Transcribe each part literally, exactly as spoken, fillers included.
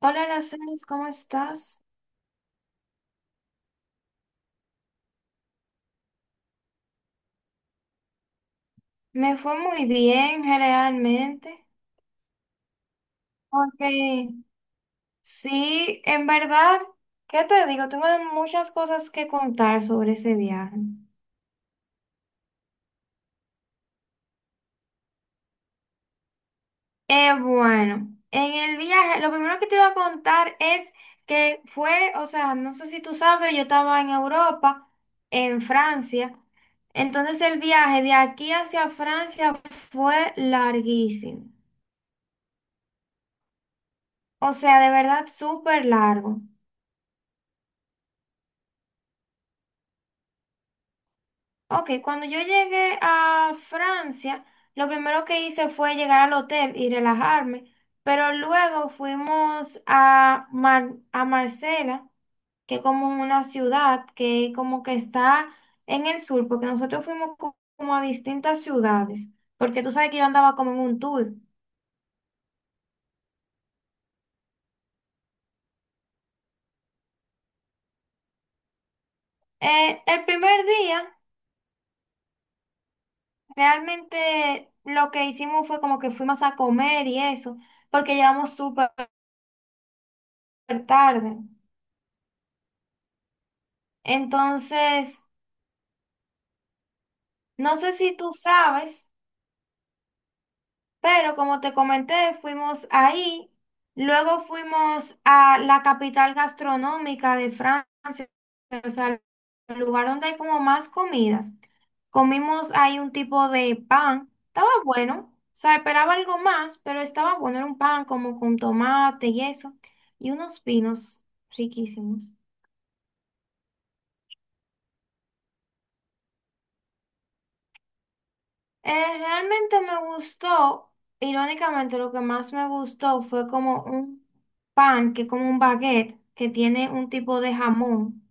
Hola, Aracelis, ¿cómo estás? Me fue muy bien, realmente. Porque sí, en verdad, ¿qué te digo? Tengo muchas cosas que contar sobre ese viaje. Eh, bueno, en el viaje, lo primero que te iba a contar es que fue, o sea, no sé si tú sabes, yo estaba en Europa, en Francia. Entonces el viaje de aquí hacia Francia fue larguísimo. O sea, de verdad, súper largo. Ok, cuando yo llegué a Francia, lo primero que hice fue llegar al hotel y relajarme, pero luego fuimos a, Mar- a Marsella, que es como una ciudad que como que está en el sur, porque nosotros fuimos co- como a distintas ciudades, porque tú sabes que yo andaba como en un tour. Eh, el primer día, realmente lo que hicimos fue como que fuimos a comer y eso, porque llegamos súper tarde. Entonces... No sé si tú sabes, pero como te comenté, fuimos ahí, luego fuimos a la capital gastronómica de Francia, o sea, el lugar donde hay como más comidas. Comimos ahí un tipo de pan, estaba bueno, o sea, esperaba algo más, pero estaba bueno, era un pan como con tomate y eso, y unos pinos riquísimos. Eh, realmente me gustó, irónicamente lo que más me gustó fue como un pan, que como un baguette, que tiene un tipo de jamón.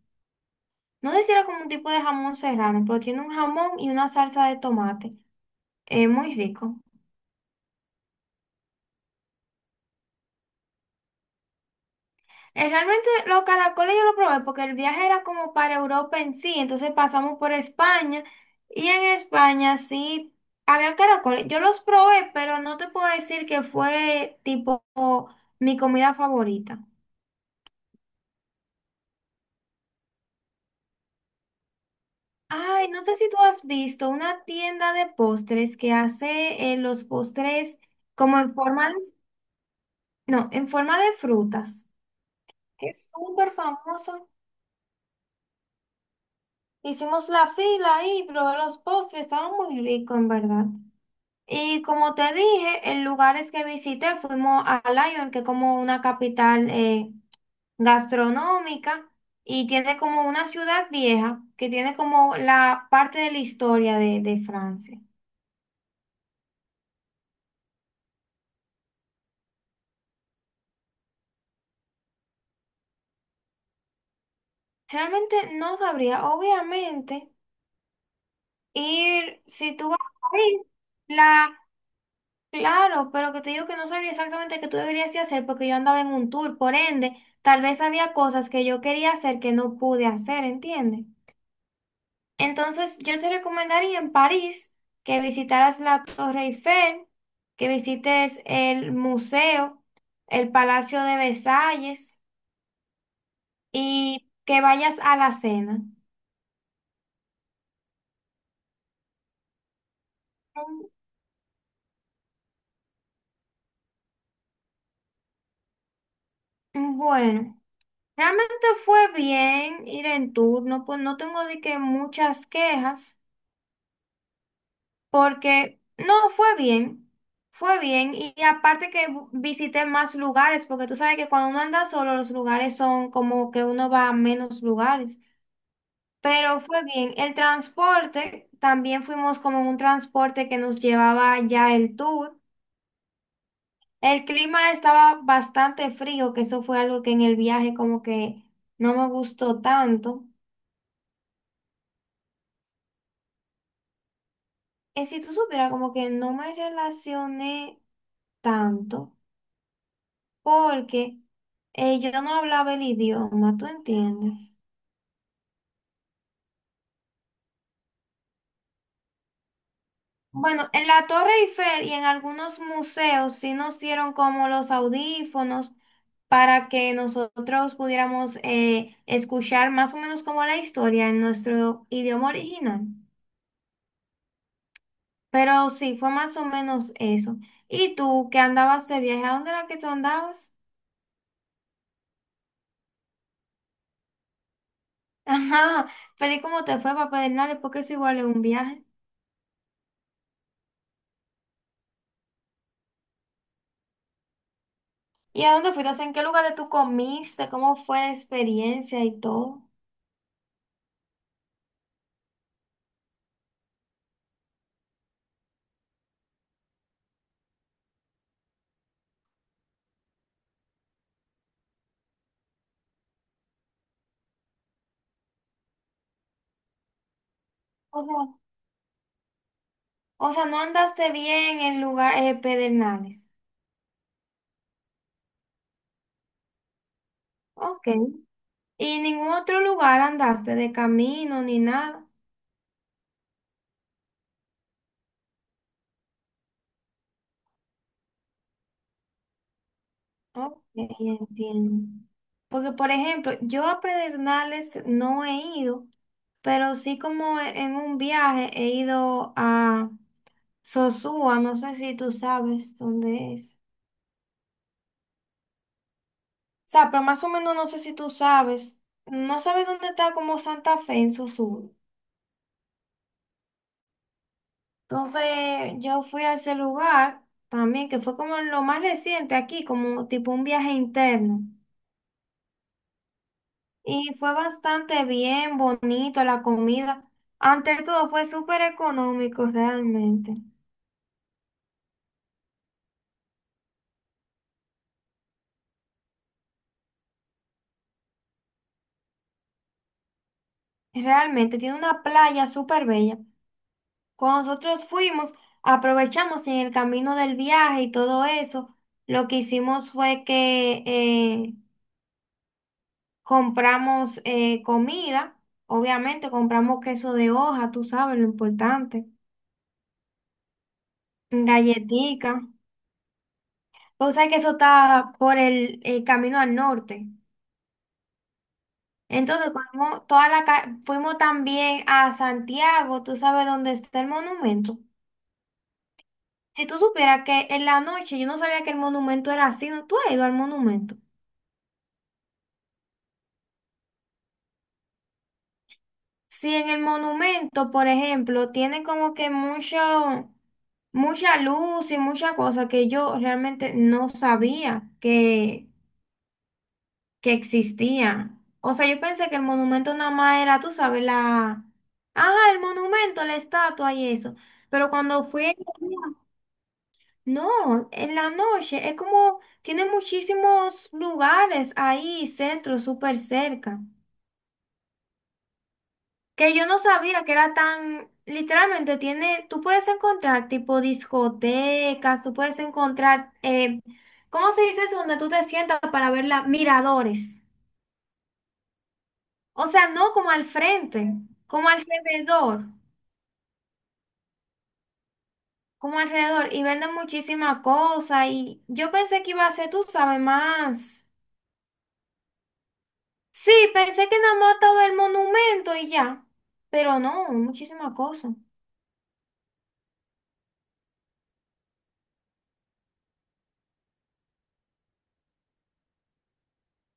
No sé si era como un tipo de jamón serrano, pero tiene un jamón y una salsa de tomate. Eh, muy rico. Eh, realmente los caracoles yo lo probé porque el viaje era como para Europa en sí, entonces pasamos por España y en España sí había caracoles. Yo los probé, pero no te puedo decir que fue tipo mi comida favorita. Ay, no sé si tú has visto una tienda de postres que hace eh, los postres como en forma de, no, en forma de frutas. Es súper famosa. Hicimos la fila ahí, probé los postres, estaban muy ricos en verdad. Y como te dije, en lugares que visité fuimos a Lyon, que es como una capital eh, gastronómica y tiene como una ciudad vieja que tiene como la parte de la historia de de Francia. Realmente no sabría. Obviamente, ir, si tú vas a París, la, claro, pero que te digo que no sabría exactamente qué tú deberías de hacer porque yo andaba en un tour, por ende, tal vez había cosas que yo quería hacer que no pude hacer, ¿entiendes? Entonces, yo te recomendaría en París que visitaras la Torre Eiffel, que visites el museo, el Palacio de Versalles y que vayas a la cena. Mm, mm, Bueno. Realmente fue bien ir en turno, pues no tengo de que muchas quejas, porque no fue bien, fue bien. Y aparte que bu- visité más lugares, porque tú sabes que cuando uno anda solo, los lugares son como que uno va a menos lugares. Pero fue bien. El transporte, también fuimos como en un transporte que nos llevaba ya el tour. El clima estaba bastante frío, que eso fue algo que en el viaje como que no me gustó tanto. Eh, si tú supieras, como que no me relacioné tanto porque eh, yo no hablaba el idioma, ¿tú entiendes? Bueno, en la Torre Eiffel y en algunos museos sí nos dieron como los audífonos para que nosotros pudiéramos eh, escuchar más o menos como la historia en nuestro idioma original. Pero sí, fue más o menos eso. ¿Y tú qué andabas de viaje? ¿A dónde era que tú andabas? Ajá, pero ¿y cómo te fue, Papá Hernández? Porque eso igual es un viaje. ¿Y a dónde fuiste? O sea, ¿en qué lugares tú comiste? ¿Cómo fue la experiencia y todo? O sea, o sea, no andaste bien en lugar eh, Pedernales. Ok. ¿Y ningún otro lugar andaste de camino ni nada? Ok, entiendo. Porque, por ejemplo, yo a Pedernales no he ido, pero sí como e- en un viaje he ido a Sosúa, no sé si tú sabes dónde es. O sea, pero más o menos no sé si tú sabes, no sabes dónde está como Santa Fe en su sur. Entonces yo fui a ese lugar también, que fue como lo más reciente aquí, como tipo un viaje interno. Y fue bastante bien, bonito la comida. Ante todo fue súper económico realmente. Realmente tiene una playa súper bella. Cuando nosotros fuimos, aprovechamos y en el camino del viaje y todo eso. Lo que hicimos fue que eh, compramos eh, comida, obviamente compramos queso de hoja, tú sabes lo importante. Galletica. Pues sabes que eso está por el, el camino al norte. Entonces, cuando toda la ca- fuimos también a Santiago, tú sabes dónde está el monumento. Si tú supieras que en la noche yo no sabía que el monumento era así, ¿no? ¿Tú has ido al monumento? Si en el monumento, por ejemplo, tienen como que mucho, mucha luz y mucha cosa que yo realmente no sabía que, que existía. O sea, yo pensé que el monumento nada más era, tú sabes, la... Ah, el monumento, la estatua y eso. Pero cuando fui, no, en la noche, es como, tiene muchísimos lugares ahí, centros, súper cerca. Que yo no sabía que era tan, literalmente tiene, tú puedes encontrar tipo discotecas, tú puedes encontrar, eh, ¿cómo se dice eso? Donde tú te sientas para ver las miradores. O sea, no como al frente, como alrededor, como alrededor. Y venden muchísimas cosas y yo pensé que iba a ser, tú sabes, más. Sí, pensé que nada más estaba el monumento y ya, pero no, muchísimas cosas.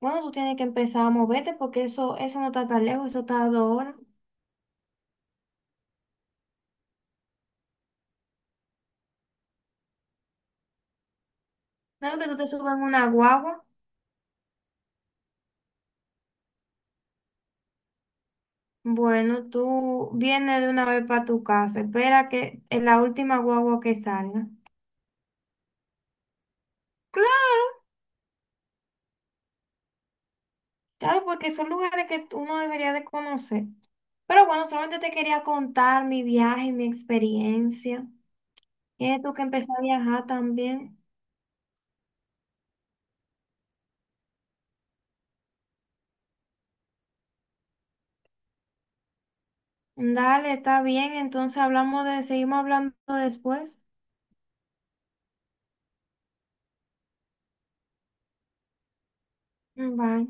Bueno, tú tienes que empezar a moverte porque eso, eso no está tan lejos, eso está a dos horas. No, que tú te subas en una guagua. Bueno, tú vienes de una vez para tu casa. Espera que es la última guagua que salga. Claro, claro, porque son lugares que uno debería de conocer. Pero bueno, solamente te quería contar mi viaje y mi experiencia. Tienes tú que empezar a viajar también. Dale, está bien. Entonces hablamos de, seguimos hablando después. Bye.